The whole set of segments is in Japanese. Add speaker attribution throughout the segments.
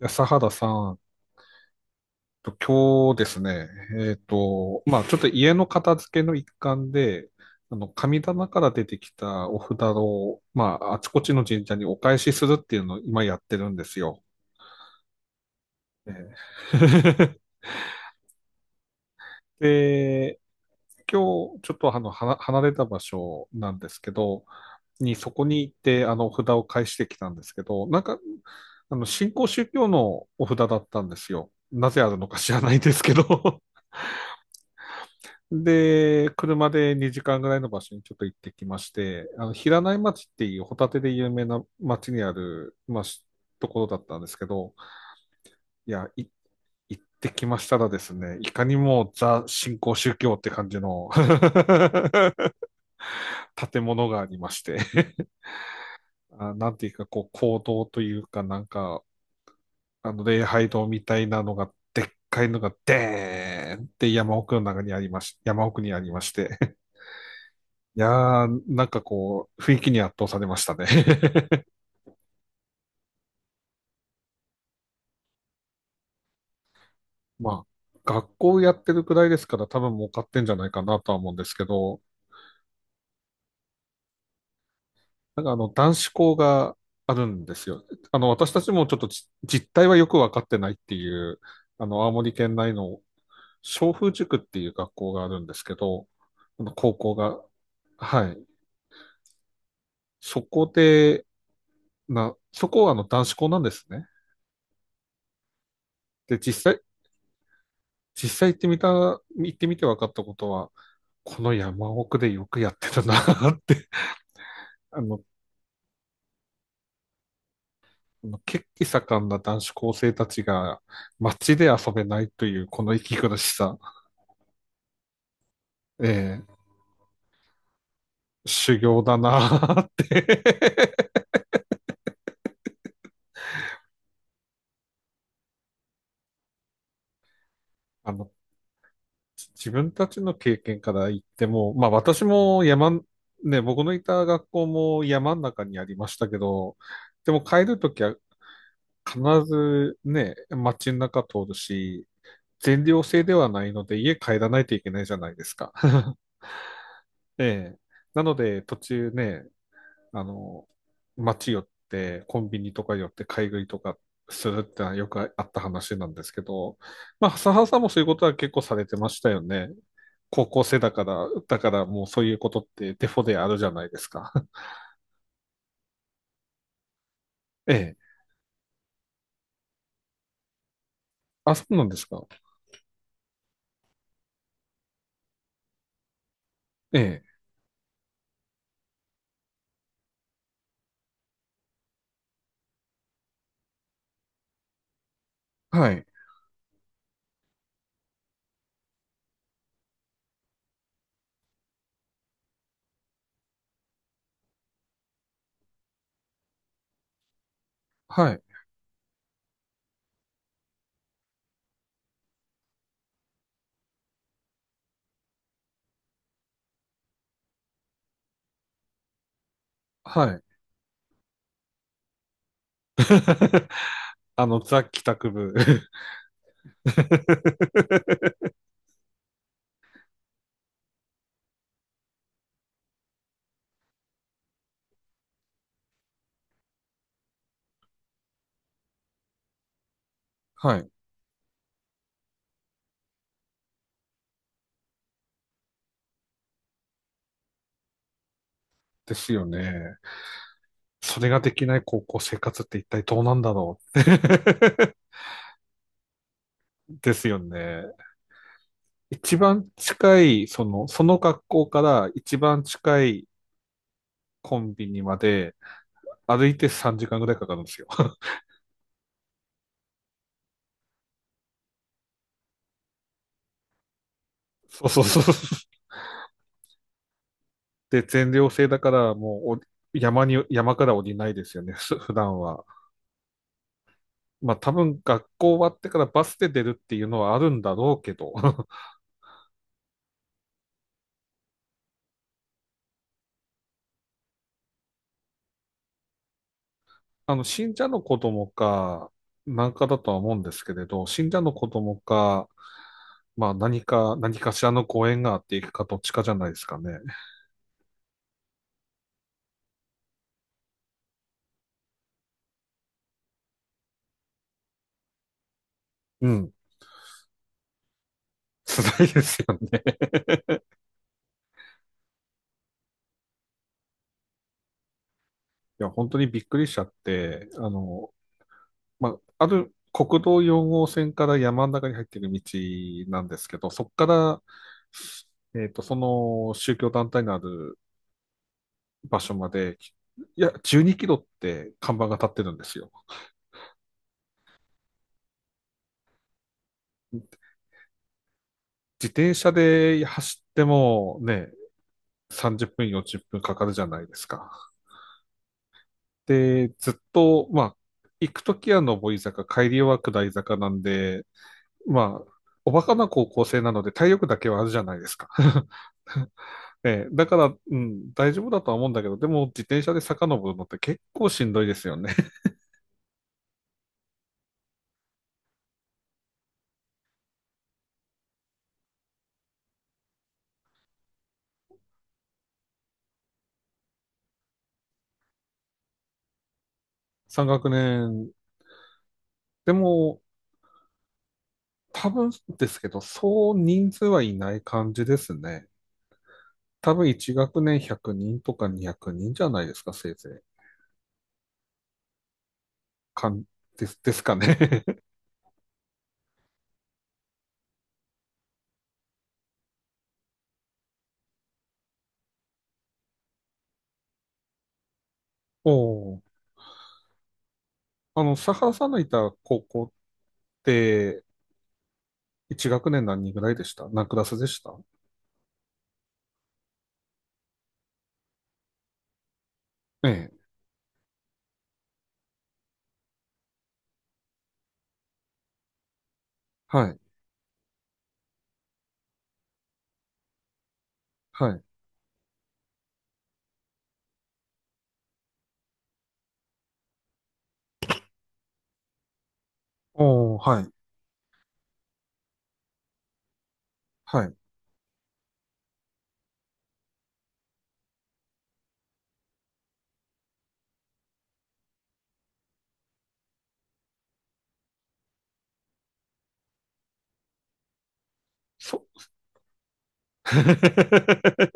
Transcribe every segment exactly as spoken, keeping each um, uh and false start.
Speaker 1: 安原さんと、今日ですね、えっと、まあちょっと家の片付けの一環で、あの、神棚から出てきたお札を、まああちこちの神社にお返しするっていうのを今やってるんですよ。えー で、今日ちょっとあの、はな離れた場所なんですけど、にそこに行ってあの、お札を返してきたんですけど、なんか、あの、新興宗教のお札だったんですよ。なぜあるのか知らないですけどで、車でにじかんぐらいの場所にちょっと行ってきまして、あの、平内町っていうホタテで有名な町にある、まあ、しところだったんですけど、いや、い、行ってきましたらですね、いかにもザ新興宗教って感じの 建物がありまして、あ、なんていうか、こう、講堂というか、なんか、あの、礼拝堂みたいなのが、でっかいのが、でーんって山奥の中にありまし、山奥にありまして、いやー、なんかこう、雰囲気に圧倒されましたね。まあ、学校やってるくらいですから多分儲かってんじゃないかなとは思うんですけど、なんかあの、男子校があるんですよ。あの、私たちもちょっとじ実態はよくわかってないっていう、あの、青森県内の松風塾っていう学校があるんですけど、あの高校が、はい。そこで、な、そこはあの男子校なんですね。で、実際、実際行ってみた、行ってみて分かったことは、この山奥でよくやってたなって、あの、血気盛んな男子高生たちが街で遊べないというこの息苦しさ、えー修行だなーって あの、自分たちの経験から言っても、まあ私も山、ね、僕のいた学校も山の中にありましたけど、でも帰るときは必ずね、街の中通るし、全寮制ではないので家帰らないといけないじゃないですか。ええ。なので途中ね、あの、街寄ってコンビニとか寄って買い食いとかするってのはよくあった話なんですけど、まあ、笹原さんもそういうことは結構されてましたよね。高校生だから、だからもうそういうことってデフォであるじゃないですか。ええ。あ、そうなんですか。ええ。はい。はい。はい。あの、ザ・帰宅部。はい。ですよね。それができない高校生活って一体どうなんだろう？ ですよね。一番近い、その、その学校から一番近いコンビニまで歩いてさんじかんぐらいかかるんですよ。そうそうそう。で、全寮制だからもう山に、山から降りないですよね、ふ普段は。まあ多分学校終わってからバスで出るっていうのはあるんだろうけど。あの、信者の子供か、なんかだとは思うんですけれど、信者の子供か、まあ何か、何かしらのご縁があっていくかどっちかじゃないですかね。うん。辛いですよね。いや、本当にびっくりしちゃって、あの、まあ、ある国道よん号線から山の中に入っている道なんですけど、そこから、えっと、その宗教団体のある場所まで、いや、じゅうにキロって看板が立ってるんですよ。自転車で走ってもね、さんじゅっぷん、よんじゅっぷんかかるじゃないですか。で、ずっと、まあ、行くときは上り坂、帰りは下り坂なんで、まあ、おバカな高校生なので体力だけはあるじゃないですか。ええだから、うん、大丈夫だとは思うんだけど、でも自転車で遡るのって結構しんどいですよね。さん学年。でも、多分ですけど、そう人数はいない感じですね。多分いち学年ひゃくにんとかにひゃくにんじゃないですか、せいぜい。かん、です、ですかね。おー、あの、佐原さんのいた高校って、いち学年何人ぐらいでした？何クラスでした？ええ。はい。はい。おーはい。はい。そ、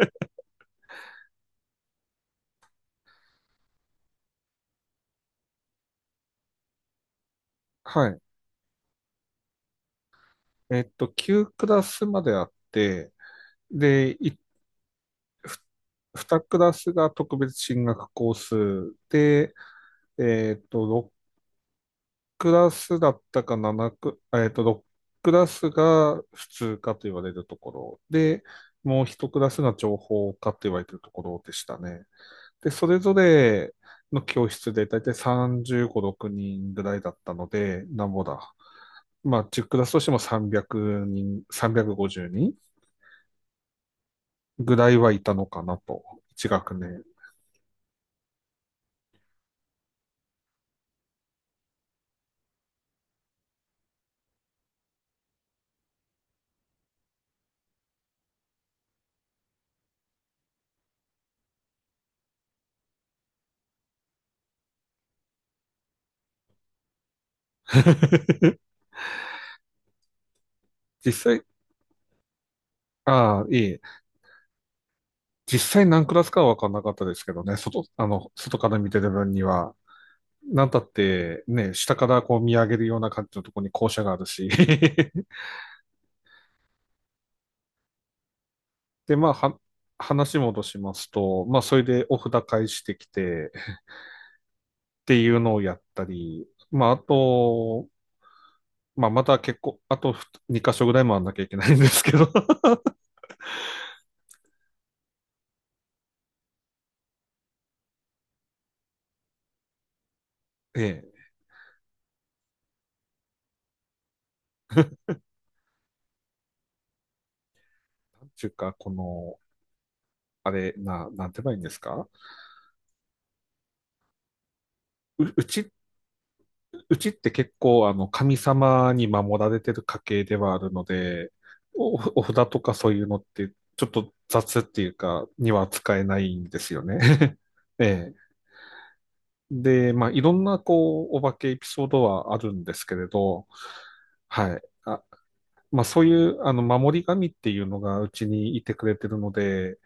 Speaker 1: はい。えっと、きゅうクラスまであって、で、い、ふにクラスが特別進学コースで、えっと、ろクラスだったかななク、あえっと、ろくクラスが普通科と言われるところで、もういちクラスが情報科と言われてるところでしたね。で、それぞれの教室でだいたいさんじゅうご、ろくにんぐらいだったので、なんぼだ。まあ、じゅうクラスとしてもさんびゃくにん、さんびゃくごじゅうにんぐらいはいたのかなと、いち学年。実際、ああ、いい。実際何クラスかは分かんなかったですけどね、外、あの、外から見てる分には、なんたって、ね、下からこう見上げるような感じのところに校舎があるし。で、まあ、は、話戻しますと、まあ、それでお札返してきて、っていうのをやったり、まあ、あと、まあ、また結構、あとにかしょ箇所ぐらい回らなきゃいけないんですけど。ええ。っていうか、この、あれ、な、なんて言えばいいんですか？う、うちっうちって結構、あの、神様に守られてる家系ではあるので、お、お札とかそういうのって、ちょっと雑っていうか、には使えないんですよね。ええ。で、まあ、いろんな、こう、お化けエピソードはあるんですけれど、はい。あ、まあ、そういう、あの、守り神っていうのがうちにいてくれてるので、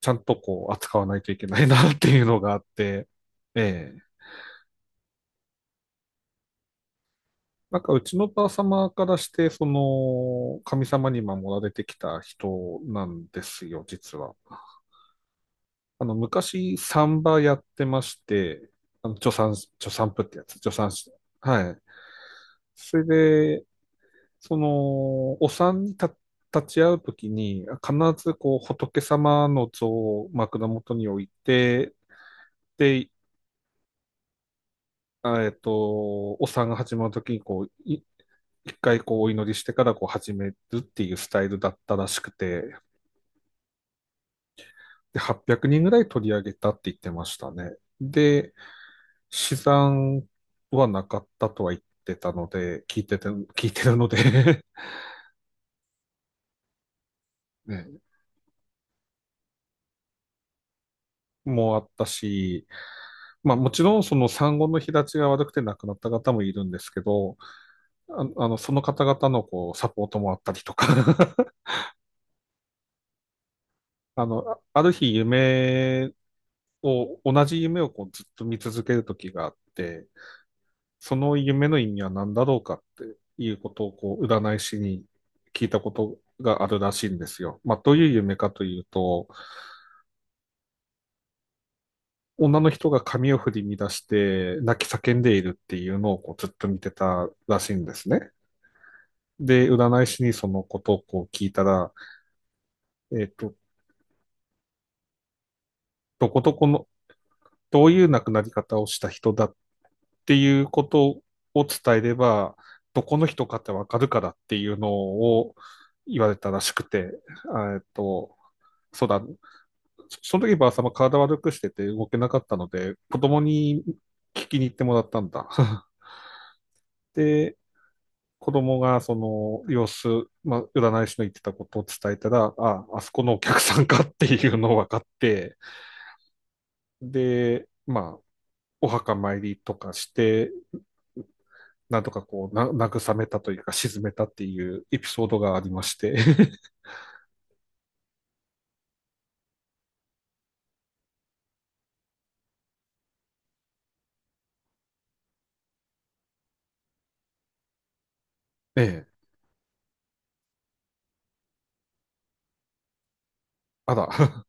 Speaker 1: ちゃんとこう、扱わないといけないなっていうのがあって、ええ。なんかうちのばあ様からして、その、神様に守られてきた人なんですよ、実は。あの、昔、サンバやってまして、あの、助産、助産婦ってやつ、助産師。はい。それで、その、お産に立立ち会うときに、必ずこう、仏様の像を枕元に置いて、で、あえっと、お産が始まるときに、こう、い一回こうお祈りしてからこう始めるっていうスタイルだったらしくて、で、はっぴゃくにんぐらい取り上げたって言ってましたね。で、試算はなかったとは言ってたので、聞いてて、聞いてるので ね、もうあったし、まあもちろんその産後の日立ちが悪くて亡くなった方もいるんですけど、ああの、その方々のこう、サポートもあったりとか あの、ある日夢を、同じ夢をこうずっと見続ける時があって、その夢の意味は何だろうかっていうことをこう占い師に聞いたことがあるらしいんですよ。まあ、どういう夢かというと、女の人が髪を振り乱して泣き叫んでいるっていうのをこうずっと見てたらしいんですね。で、占い師にそのことをこう聞いたら、えっと、どこどこの、どういう亡くなり方をした人だっていうことを伝えれば、どこの人かってわかるからっていうのを言われたらしくて、えっと、そうだ、その時ばあさま体悪くしてて動けなかったので、子供に聞きに行ってもらったんだ。で、子供がその様子、まあ、占い師の言ってたことを伝えたら、あ、あそこのお客さんかっていうのを分かって、で、まあ、お墓参りとかして、なんとかこう、な、慰めたというか、沈めたっていうエピソードがありまして。ええ、あら。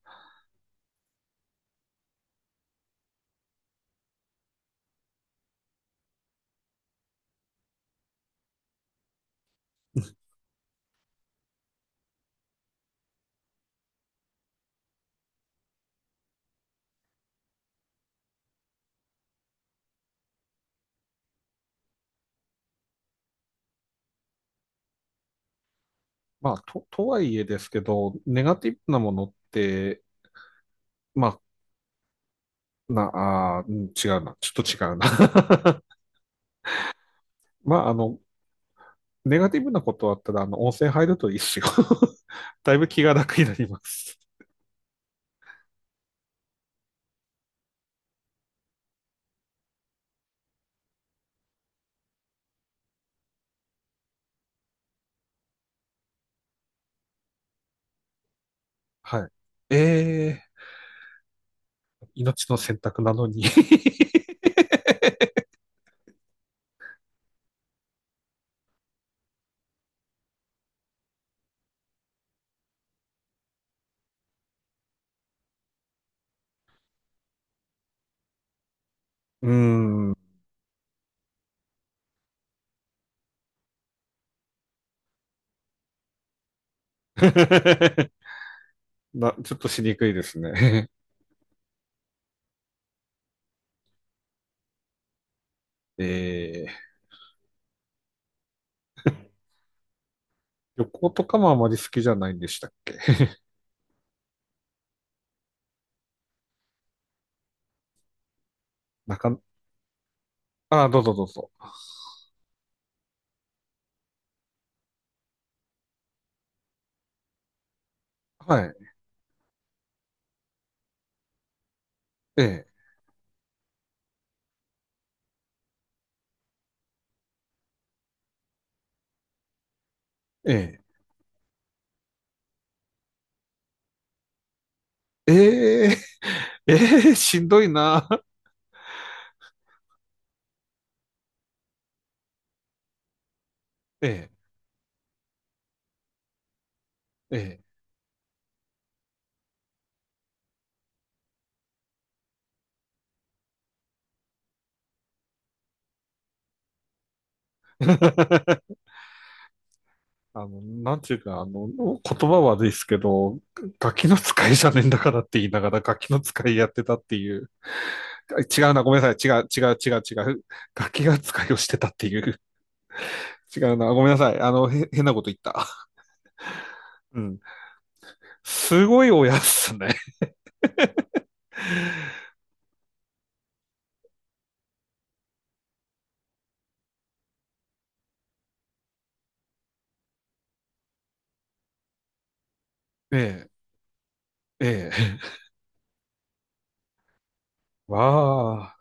Speaker 1: まあ、と、とはいえですけど、ネガティブなものって、まあ、な、あーうん、違うな。ちょっと違うな。まあ、あの、ネガティブなことあったら、あの、温泉入るといいっすよ。だいぶ気が楽になります。はい。えー、命の選択なのに うーん。な、ちょっとしにくいですね。えー、旅行とかもあまり好きじゃないんでしたっけ？なか、あー、どうぞどうぞ。はい。ええええええええしんどいな。ええ、ええ。あの、なんていうか、あの、言葉はですけど、ガキの使いじゃねえんだからって言いながら、ガキの使いやってたっていう。違うな、ごめんなさい。違う、違う、違う、違う。ガキが使いをしてたっていう。違うな、ごめんなさい。あの、へ変なこと言った。うん。すごい親っすね。ええ、ええ。わあ。